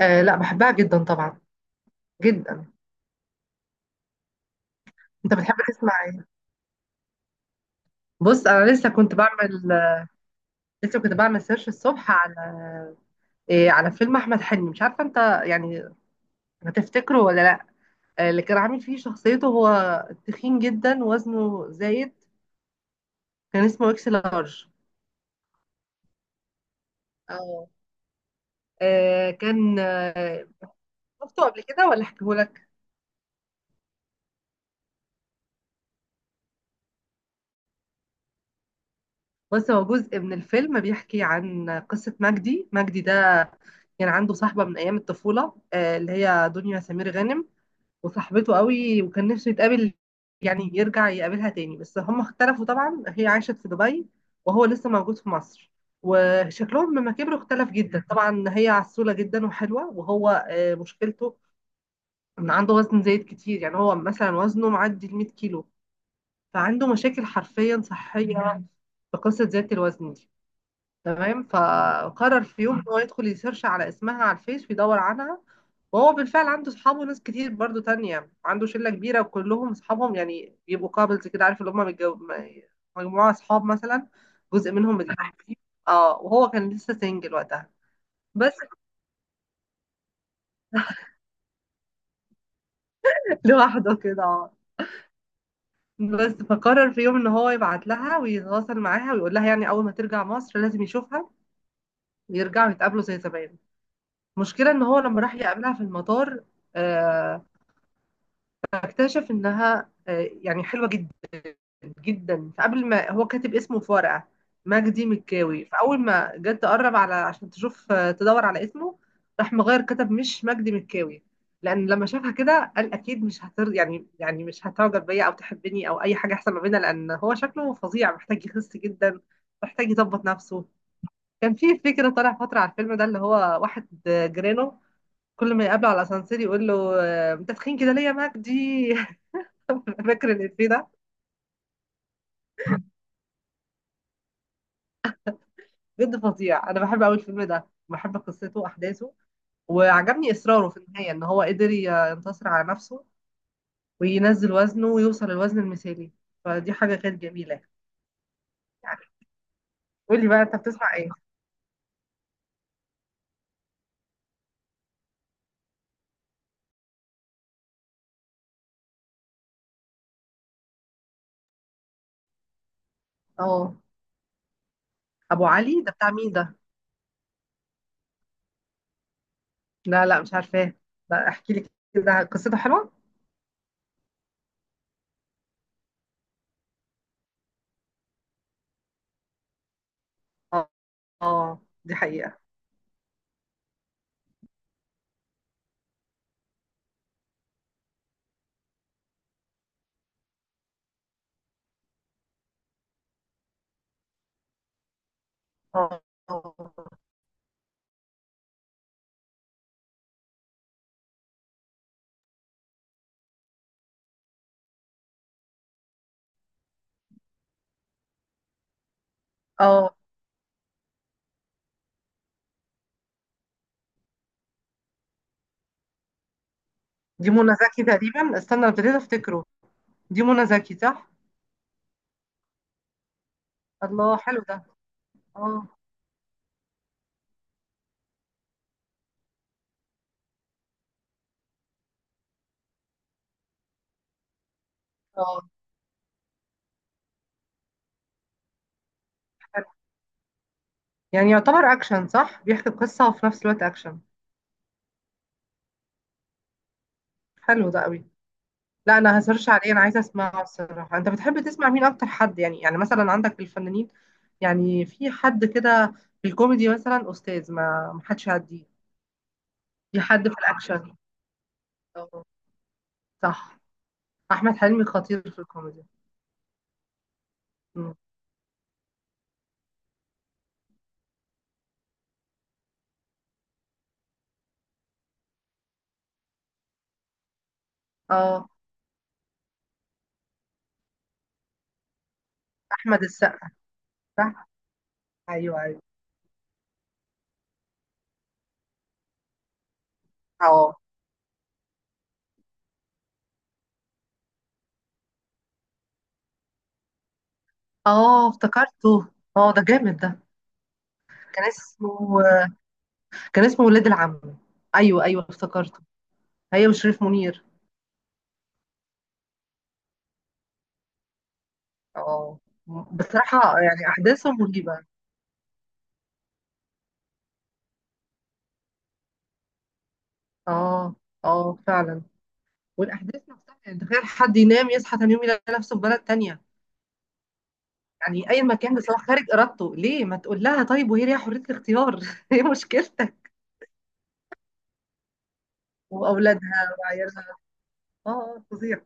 آه لا بحبها جدا طبعا، جدا. انت بتحب تسمع ايه؟ بص انا لسه كنت بعمل سيرش الصبح على على فيلم احمد حلمي. مش عارفه انت، يعني، هتفتكره ولا لا؟ اللي كان عامل فيه شخصيته هو تخين جدا، وزنه زايد. كان اسمه اكس لارج. اه. آه، كان آه، شفته قبل كده ولا احكيهولك؟ بص، هو جزء من الفيلم بيحكي عن قصه مجدي ده. كان عنده صاحبه من ايام الطفوله، اللي هي دنيا سمير غانم، وصاحبته قوي، وكان نفسه يتقابل، يعني يرجع يقابلها تاني. بس هم اختلفوا طبعا، هي عاشت في دبي وهو لسه موجود في مصر. وشكلهم لما كبروا اختلف جدا طبعا، هي عسولة جدا وحلوة، وهو مشكلته ان عنده وزن زايد كتير. يعني هو مثلا وزنه معدي ال 100 كيلو، فعنده مشاكل حرفيا صحية في قصة زيادة الوزن دي. تمام. فقرر في يوم ان هو يدخل يسيرش على اسمها على الفيس ويدور عنها. وهو بالفعل عنده اصحابه، ناس كتير برضو تانية، عنده شلة كبيرة وكلهم اصحابهم، يعني بيبقوا كابلز كده، عارف اللي هم مجموعة اصحاب مثلا، جزء منهم متجوزين، اه، وهو كان لسه سنجل وقتها. بس لوحده كده، اه. بس فقرر في يوم ان هو يبعت لها ويتواصل معاها ويقول لها، يعني اول ما ترجع مصر لازم يشوفها، ويرجعوا يتقابلوا زي زمان. المشكله ان هو لما راح يقابلها في المطار، آه، اكتشف انها، يعني، حلوه جدا جدا. فقبل ما هو كاتب اسمه في ورقه، مجدي مكاوي، فاول ما جت تقرب على عشان تشوف، تدور على اسمه، راح مغير كتب مش مجدي مكاوي. لان لما شافها كده قال اكيد مش هتر يعني يعني مش هتعجب بيا او تحبني او اي حاجه، احسن ما بينا، لان هو شكله فظيع محتاج يخس جدا، محتاج يظبط نفسه. كان في فكره طالع فتره على الفيلم ده، اللي هو واحد جيرانه، كل ما يقابله على الاسانسير يقول له، انت تخين كده ليه يا مجدي. فاكر الإفيه ده؟ بجد فظيع. انا بحب قوي الفيلم ده، بحب قصته واحداثه. وعجبني اصراره في النهايه ان هو قدر ينتصر على نفسه وينزل وزنه ويوصل للوزن المثالي. فدي حاجه كانت جميله يعني. قولي بقى، انت بتسمع ايه؟ اه. ابو علي ده بتاع مين ده؟ لا لا مش عارفاه. لا احكي لي كده، قصته حلوه. اه. دي حقيقه. اه. اه. آه. دي منى زكي تقريبا، استنى ابتديت افتكره. دي منى زكي، صح؟ الله، حلو ده. اه. اه. يعني يعتبر اكشن، صح؟ بيحكي قصة وفي نفس الوقت اكشن. حلو ده قوي. لا انا هسيرش عليه، انا عايزة اسمعه الصراحة. انت بتحب تسمع مين اكتر؟ حد يعني، يعني مثلا، عندك في الفنانين، يعني في حد كده؟ في الكوميدي مثلا استاذ ما حدش يعديه. في حد في الاكشن؟ اه. صح. احمد حلمي خطير في الكوميدي. مم. اه. احمد السقا. صح. ايوه ايوه. اه. اه افتكرته. اه ده جامد ده. كان اسمه كان اسمه ولاد العم. ايوه ايوه افتكرته. هي وشريف منير. اه. بصراحة يعني أحداثه مرعبة. اه. اه فعلا. والأحداث نفسها يعني تخيل حد ينام يصحى تاني يوم يلاقي نفسه في بلد تانية، يعني أي مكان، بس هو خارج إرادته. ليه ما تقول لها طيب وهي ليها حرية الاختيار؟ ايه مشكلتك؟ وأولادها وعيالها. اه، فظيع.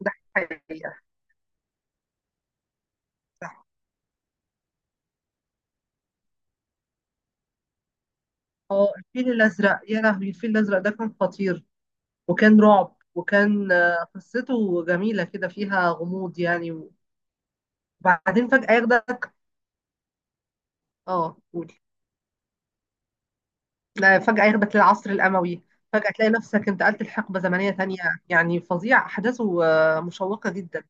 ده حقيقة. صح. اه الفيل الأزرق، يا لهوي، الفيل الأزرق ده كان خطير. وكان رعب، وكان قصته جميلة كده فيها غموض يعني. وبعدين فجأة ياخدك. اه قول. لا، فجأة ياخدك للعصر الأموي، فجأة تلاقي نفسك انتقلت لحقبة زمنية تانية. يعني فظيع أحداثه، مشوقة جدا.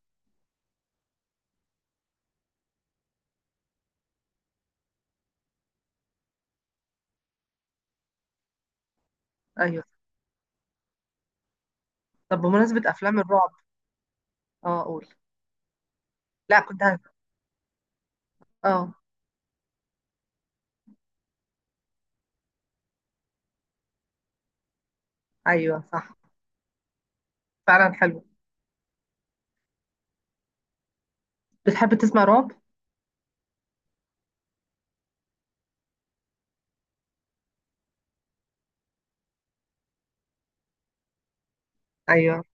أيوه. طب بمناسبة أفلام الرعب. اه قول. لا كنت هت... اه. أيوه صح. فعلا حلو. بتحب تسمع رعب؟ أيوه.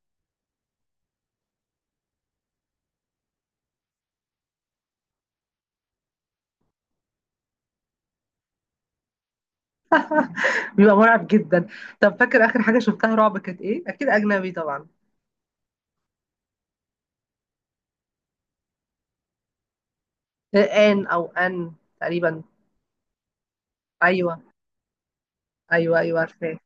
بيبقى مرعب جدا. طب فاكر آخر حاجة شفتها رعب كانت إيه؟ أكيد أجنبي طبعا. آن أو آن تقريبا. أيوه. أيوه أيوه عارفاه.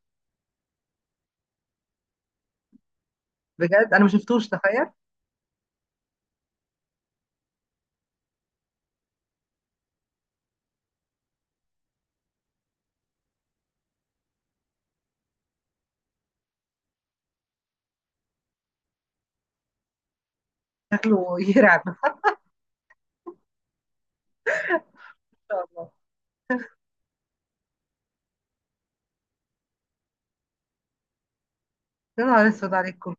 بجد أنا ما شفتوش، تخيل. شكله يرعب إن شاء الله. يا نهار أسود عليكم،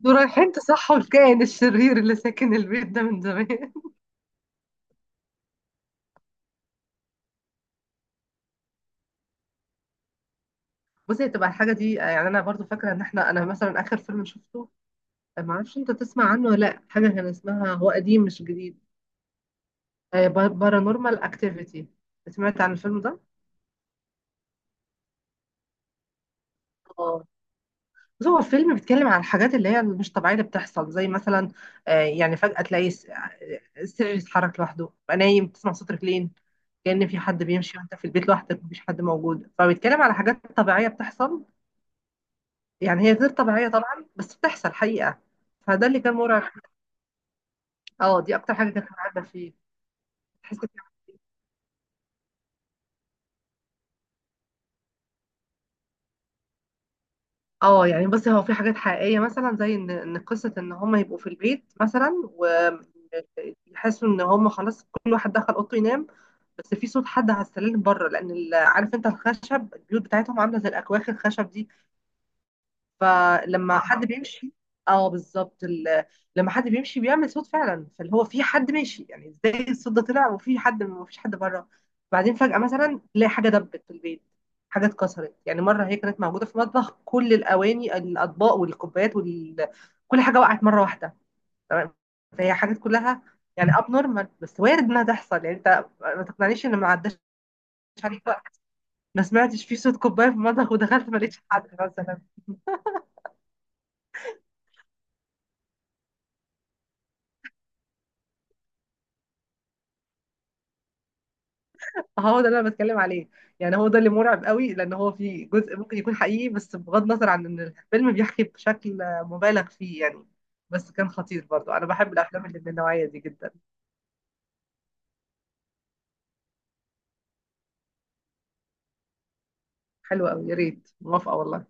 دول رايحين تصحوا الكائن الشرير اللي ساكن البيت ده من زمان. بصي، هتبقى الحاجه دي، يعني، انا برضو فاكره ان احنا، انا مثلا اخر فيلم شفته، ما اعرفش انت تسمع عنه ولا لا، حاجه كان اسمها، هو قديم مش جديد، بارانورمال اكتيفيتي. سمعت عن الفيلم ده؟ اه. بس هو فيلم بيتكلم عن الحاجات اللي هي مش طبيعيه اللي بتحصل. زي مثلا، يعني فجاه تلاقي السرير يتحرك لوحده، تبقى نايم تسمع صوت رجلين كأن في حد بيمشي وانت في البيت لوحدك مفيش حد موجود. فبيتكلم على حاجات طبيعيه بتحصل، يعني هي غير طبيعية طبعا بس بتحصل حقيقة. فده اللي كان مرعب. اه دي اكتر حاجة كانت مرعبة فيه. تحس، اه، يعني بصي، هو في حاجات حقيقية مثلا زي ان قصة ان هم يبقوا في البيت مثلا، ويحسوا ان هم خلاص كل واحد دخل اوضته ينام. بس في صوت حد على السلالم بره، لان عارف انت، الخشب، البيوت بتاعتهم عاملة زي الاكواخ الخشب دي. فلما حد بيمشي، اه بالظبط. لما حد بيمشي بيعمل صوت فعلا، فاللي هو في حد ماشي. يعني ازاي الصوت ده طلع وفي حد ومفيش حد بره؟ بعدين فجأة مثلا تلاقي حاجة دبت في البيت، حاجة اتكسرت. يعني مرة هي كانت موجودة في المطبخ كل الأواني الأطباق والكوبايات كل حاجة وقعت مرة واحدة. تمام. فهي حاجات كلها يعني اب نورمال، بس وارد انها تحصل. يعني انت ما تقنعنيش ان ما عداش عليك وقت ما سمعتش في صوت كوبايه في المطبخ ودخلت ما لقيتش حد مثلا. هو ده اللي انا بتكلم عليه. يعني هو ده اللي مرعب قوي، لان هو في جزء ممكن يكون حقيقي، بس بغض النظر عن ان الفيلم بيحكي بشكل مبالغ فيه يعني. بس كان خطير، برضو انا بحب الافلام اللي من النوعيه دي جدا. حلوه قوي، يا ريت موافقه والله.